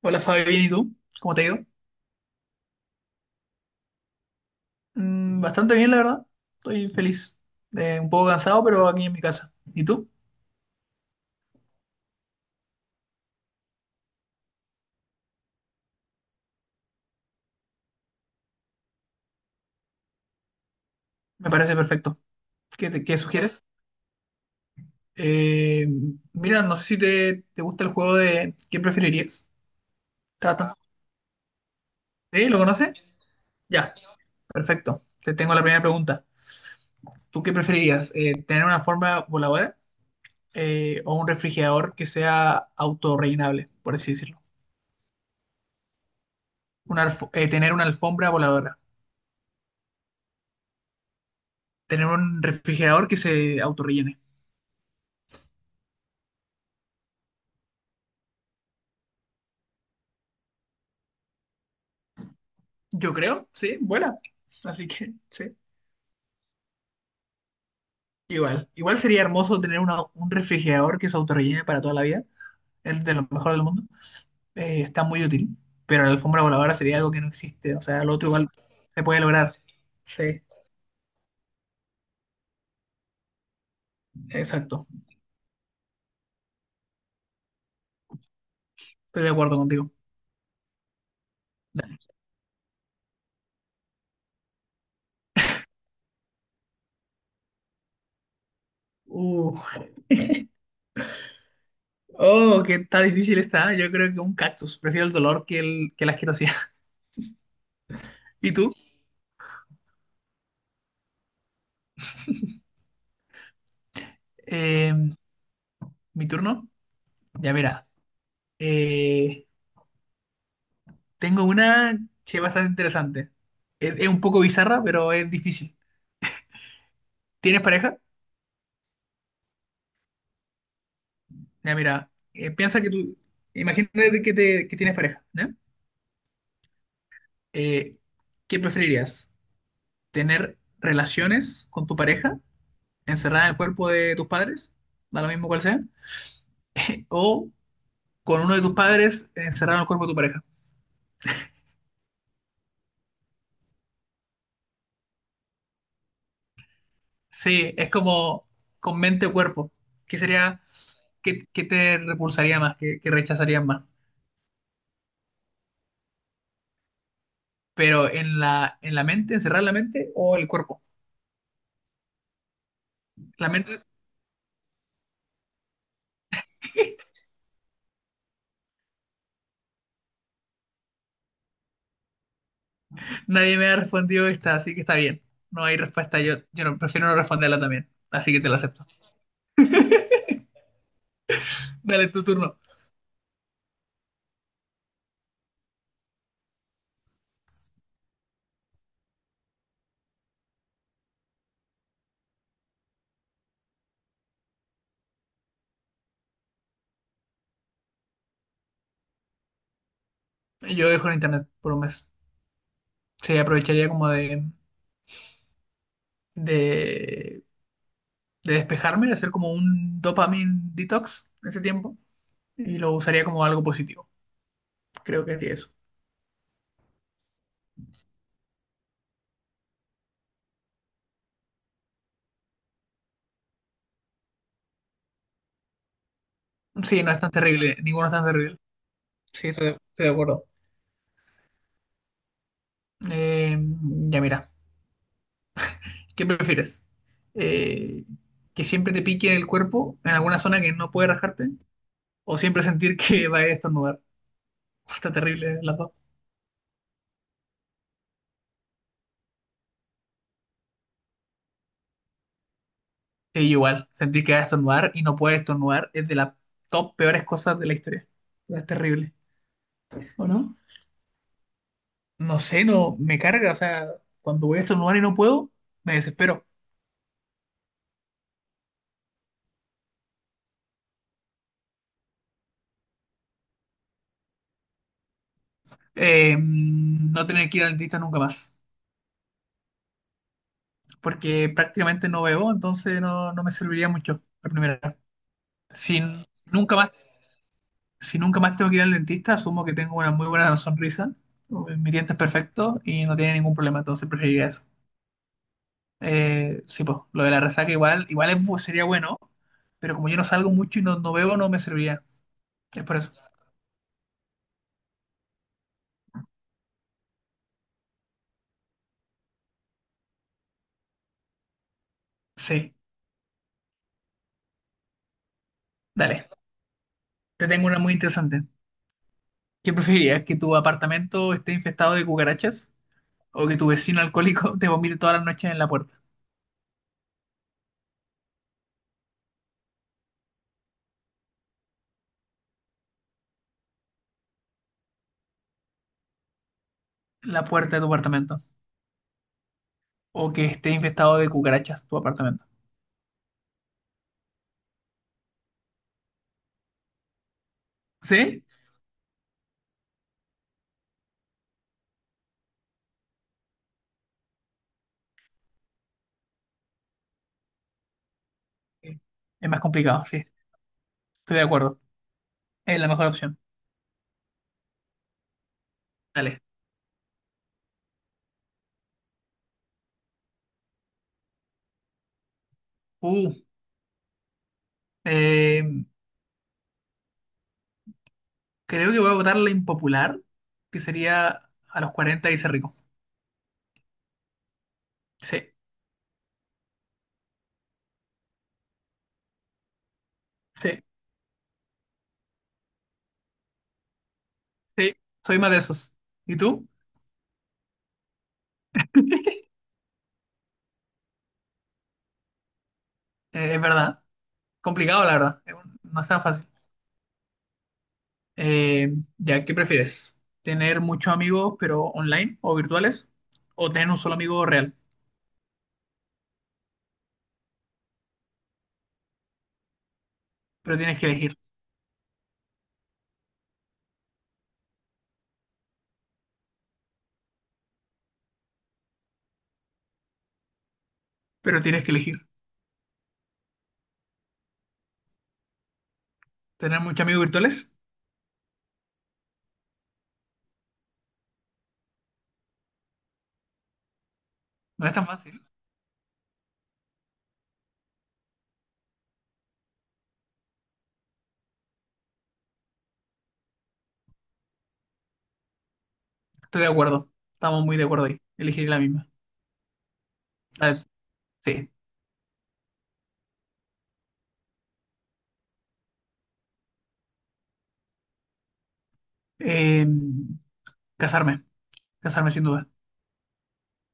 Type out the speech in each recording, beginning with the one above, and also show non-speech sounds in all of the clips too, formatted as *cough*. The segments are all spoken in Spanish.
Hola Fabi, bien, ¿y tú? ¿Cómo te ha ido? Bastante bien, la verdad. Estoy feliz. Un poco cansado, pero aquí en mi casa. ¿Y tú? Me parece perfecto. ¿ qué sugieres? Eh, mira, no sé si te gusta el juego de ¿qué preferirías? Está bastante- ¿Sí? ¿Lo conoces? Ya, perfecto. Te tengo la primera pregunta. ¿Tú qué preferirías? ¿Tener una forma voladora o un refrigerador que sea autorrellenable, por así decirlo? Tener una alfombra voladora. Tener un refrigerador que se autorrellene. Yo creo, sí, vuela. Así que, sí. Igual. Igual sería hermoso tener una- un refrigerador que se autorrellene para toda la vida. Es de lo mejor del mundo. Está muy útil. Pero la alfombra voladora sería algo que no existe. O sea, lo otro igual se puede lograr. Sí, exacto. Estoy de acuerdo contigo. Uh, oh, que está difícil está. Yo creo que un cactus. Prefiero el dolor que la asquerosidad. *laughs* ¿Y tú? Eh, ¿Mi turno? Ya, mira. Eh, Tengo una que es bastante interesante. Es un poco bizarra, pero es difícil. ¿Tienes pareja? Ya, mira, piensa que tú, imagínate que tienes pareja, ¿ya? Eh, ¿Qué preferirías? ¿Tener relaciones con tu pareja encerrada en el cuerpo de tus padres? Da lo mismo cual sea. *laughs* ¿O con uno de tus padres encerrado en el cuerpo de tu pareja? Sí, es como con mente o cuerpo. ¿Qué sería, ¿qué, qué te repulsaría más? ¿Qué, qué rechazarías más? Pero en la mente, encerrar la mente o el cuerpo. La mente, *laughs* nadie me ha respondido esta, así que está bien. No hay respuesta, yo no, prefiero no responderla también, así que te la acepto. Dale tu turno. Yo dejo el internet por un mes. Sí, aprovecharía como de, de despejarme, de hacer como un dopamine detox en ese tiempo y lo usaría como algo positivo. Creo que haría eso. Sí, no es tan terrible, ninguno es tan terrible. Sí, estoy de acuerdo. Eh, ya mira. ¿Qué prefieres? Eh, ¿Que siempre te pique en el cuerpo, en alguna zona que no puede rajarte, o siempre sentir que va a estornudar? *laughs* Está terrible las dos. Sí, igual, sentir que va a estornudar y no poder estornudar es de las top peores cosas de la historia. Es terrible. ¿O no? Me carga, o sea, cuando voy a estornudar y no puedo, me desespero. No tener que ir al dentista nunca más, porque prácticamente no veo, entonces no me serviría mucho la primera. Sin nunca más si nunca más tengo que ir al dentista, asumo que tengo una muy buena sonrisa, mi diente es perfecto y no tiene ningún problema, entonces preferiría eso. Sí, pues, lo de la resaca igual, sería bueno, pero como yo no salgo mucho y no bebo, no me serviría. Es por eso. Sí, dale. Te tengo una muy interesante. ¿Qué preferirías? ¿Que tu apartamento esté infestado de cucarachas? ¿O que tu vecino alcohólico *laughs* te vomite todas las noches en la puerta? La puerta de tu apartamento. ¿O que esté infestado de cucarachas tu apartamento? ¿Sí? Sí. Es más complicado, sí. Estoy de acuerdo. Es la mejor opción. Dale. Uh, eh, creo que voy a votar la impopular, que sería a los 40 y ser rico. Sí, sí, sí. Soy más de esos. ¿Y tú? Es verdad. Complicado, la verdad. Es no es tan fácil. Ya, ¿qué prefieres? ¿Tener muchos amigos, pero online o virtuales? ¿O tener un solo amigo real? Pero tienes que elegir. Pero tienes que elegir. ¿Tener muchos amigos virtuales? No es tan fácil. Estoy de acuerdo. Estamos muy de acuerdo ahí. Elegir la misma. Dale. Sí. Eh, casarme, casarme sin duda.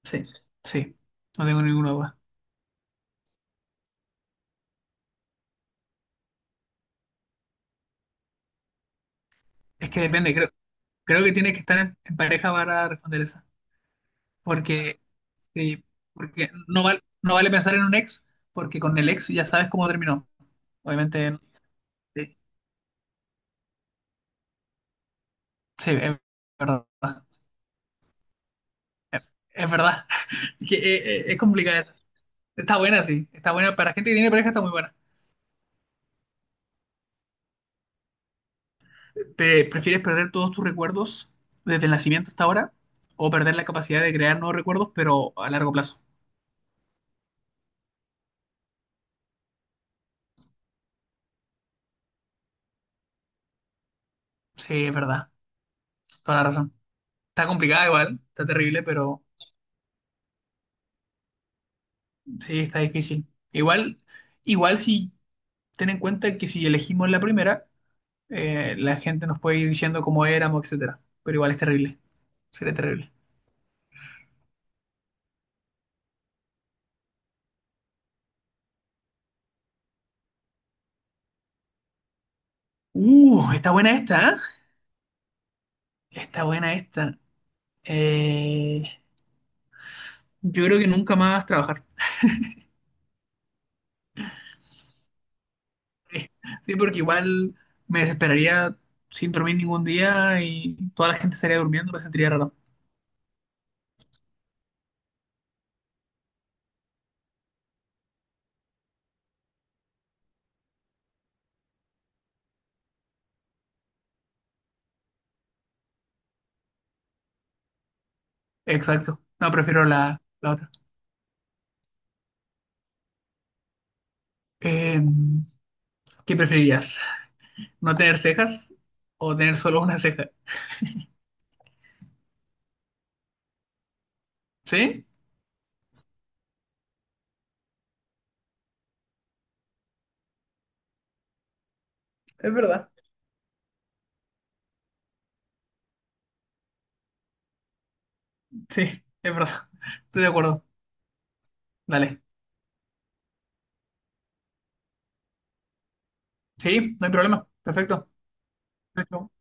Sí. Sí, no tengo ninguna duda. Es que depende, creo, creo que tienes que estar en pareja para responder esa. Porque, sí, porque no, val- no vale pensar en un ex, porque con el ex ya sabes cómo terminó. Obviamente, sí, sí, es verdad. Es verdad. *laughs* Es complicada esa. Está buena, sí. Está buena. Para gente que tiene pareja está muy buena. Pe- ¿Prefieres perder todos tus recuerdos desde el nacimiento hasta ahora? ¿O perder la capacidad de crear nuevos recuerdos, pero a largo plazo? Sí, es verdad. Toda la razón. Está complicada igual, está terrible, pero sí, está difícil. Igual, igual si ten en cuenta que si elegimos la primera, la gente nos puede ir diciendo cómo éramos, etcétera. Pero igual es terrible. Sería terrible. Está buena esta, ¿eh? Está buena esta. Eh, yo creo que nunca más trabajar. *laughs* Sí, porque igual me desesperaría sin dormir ningún día y toda la gente estaría durmiendo, me sentiría raro. Exacto. No, prefiero la otra. Eh, ¿Qué preferirías? ¿No tener cejas o tener solo una ceja? ¿Sí? Es verdad. Sí, es verdad. Estoy de acuerdo. Dale. Sí, no hay problema. Perfecto. Perfecto.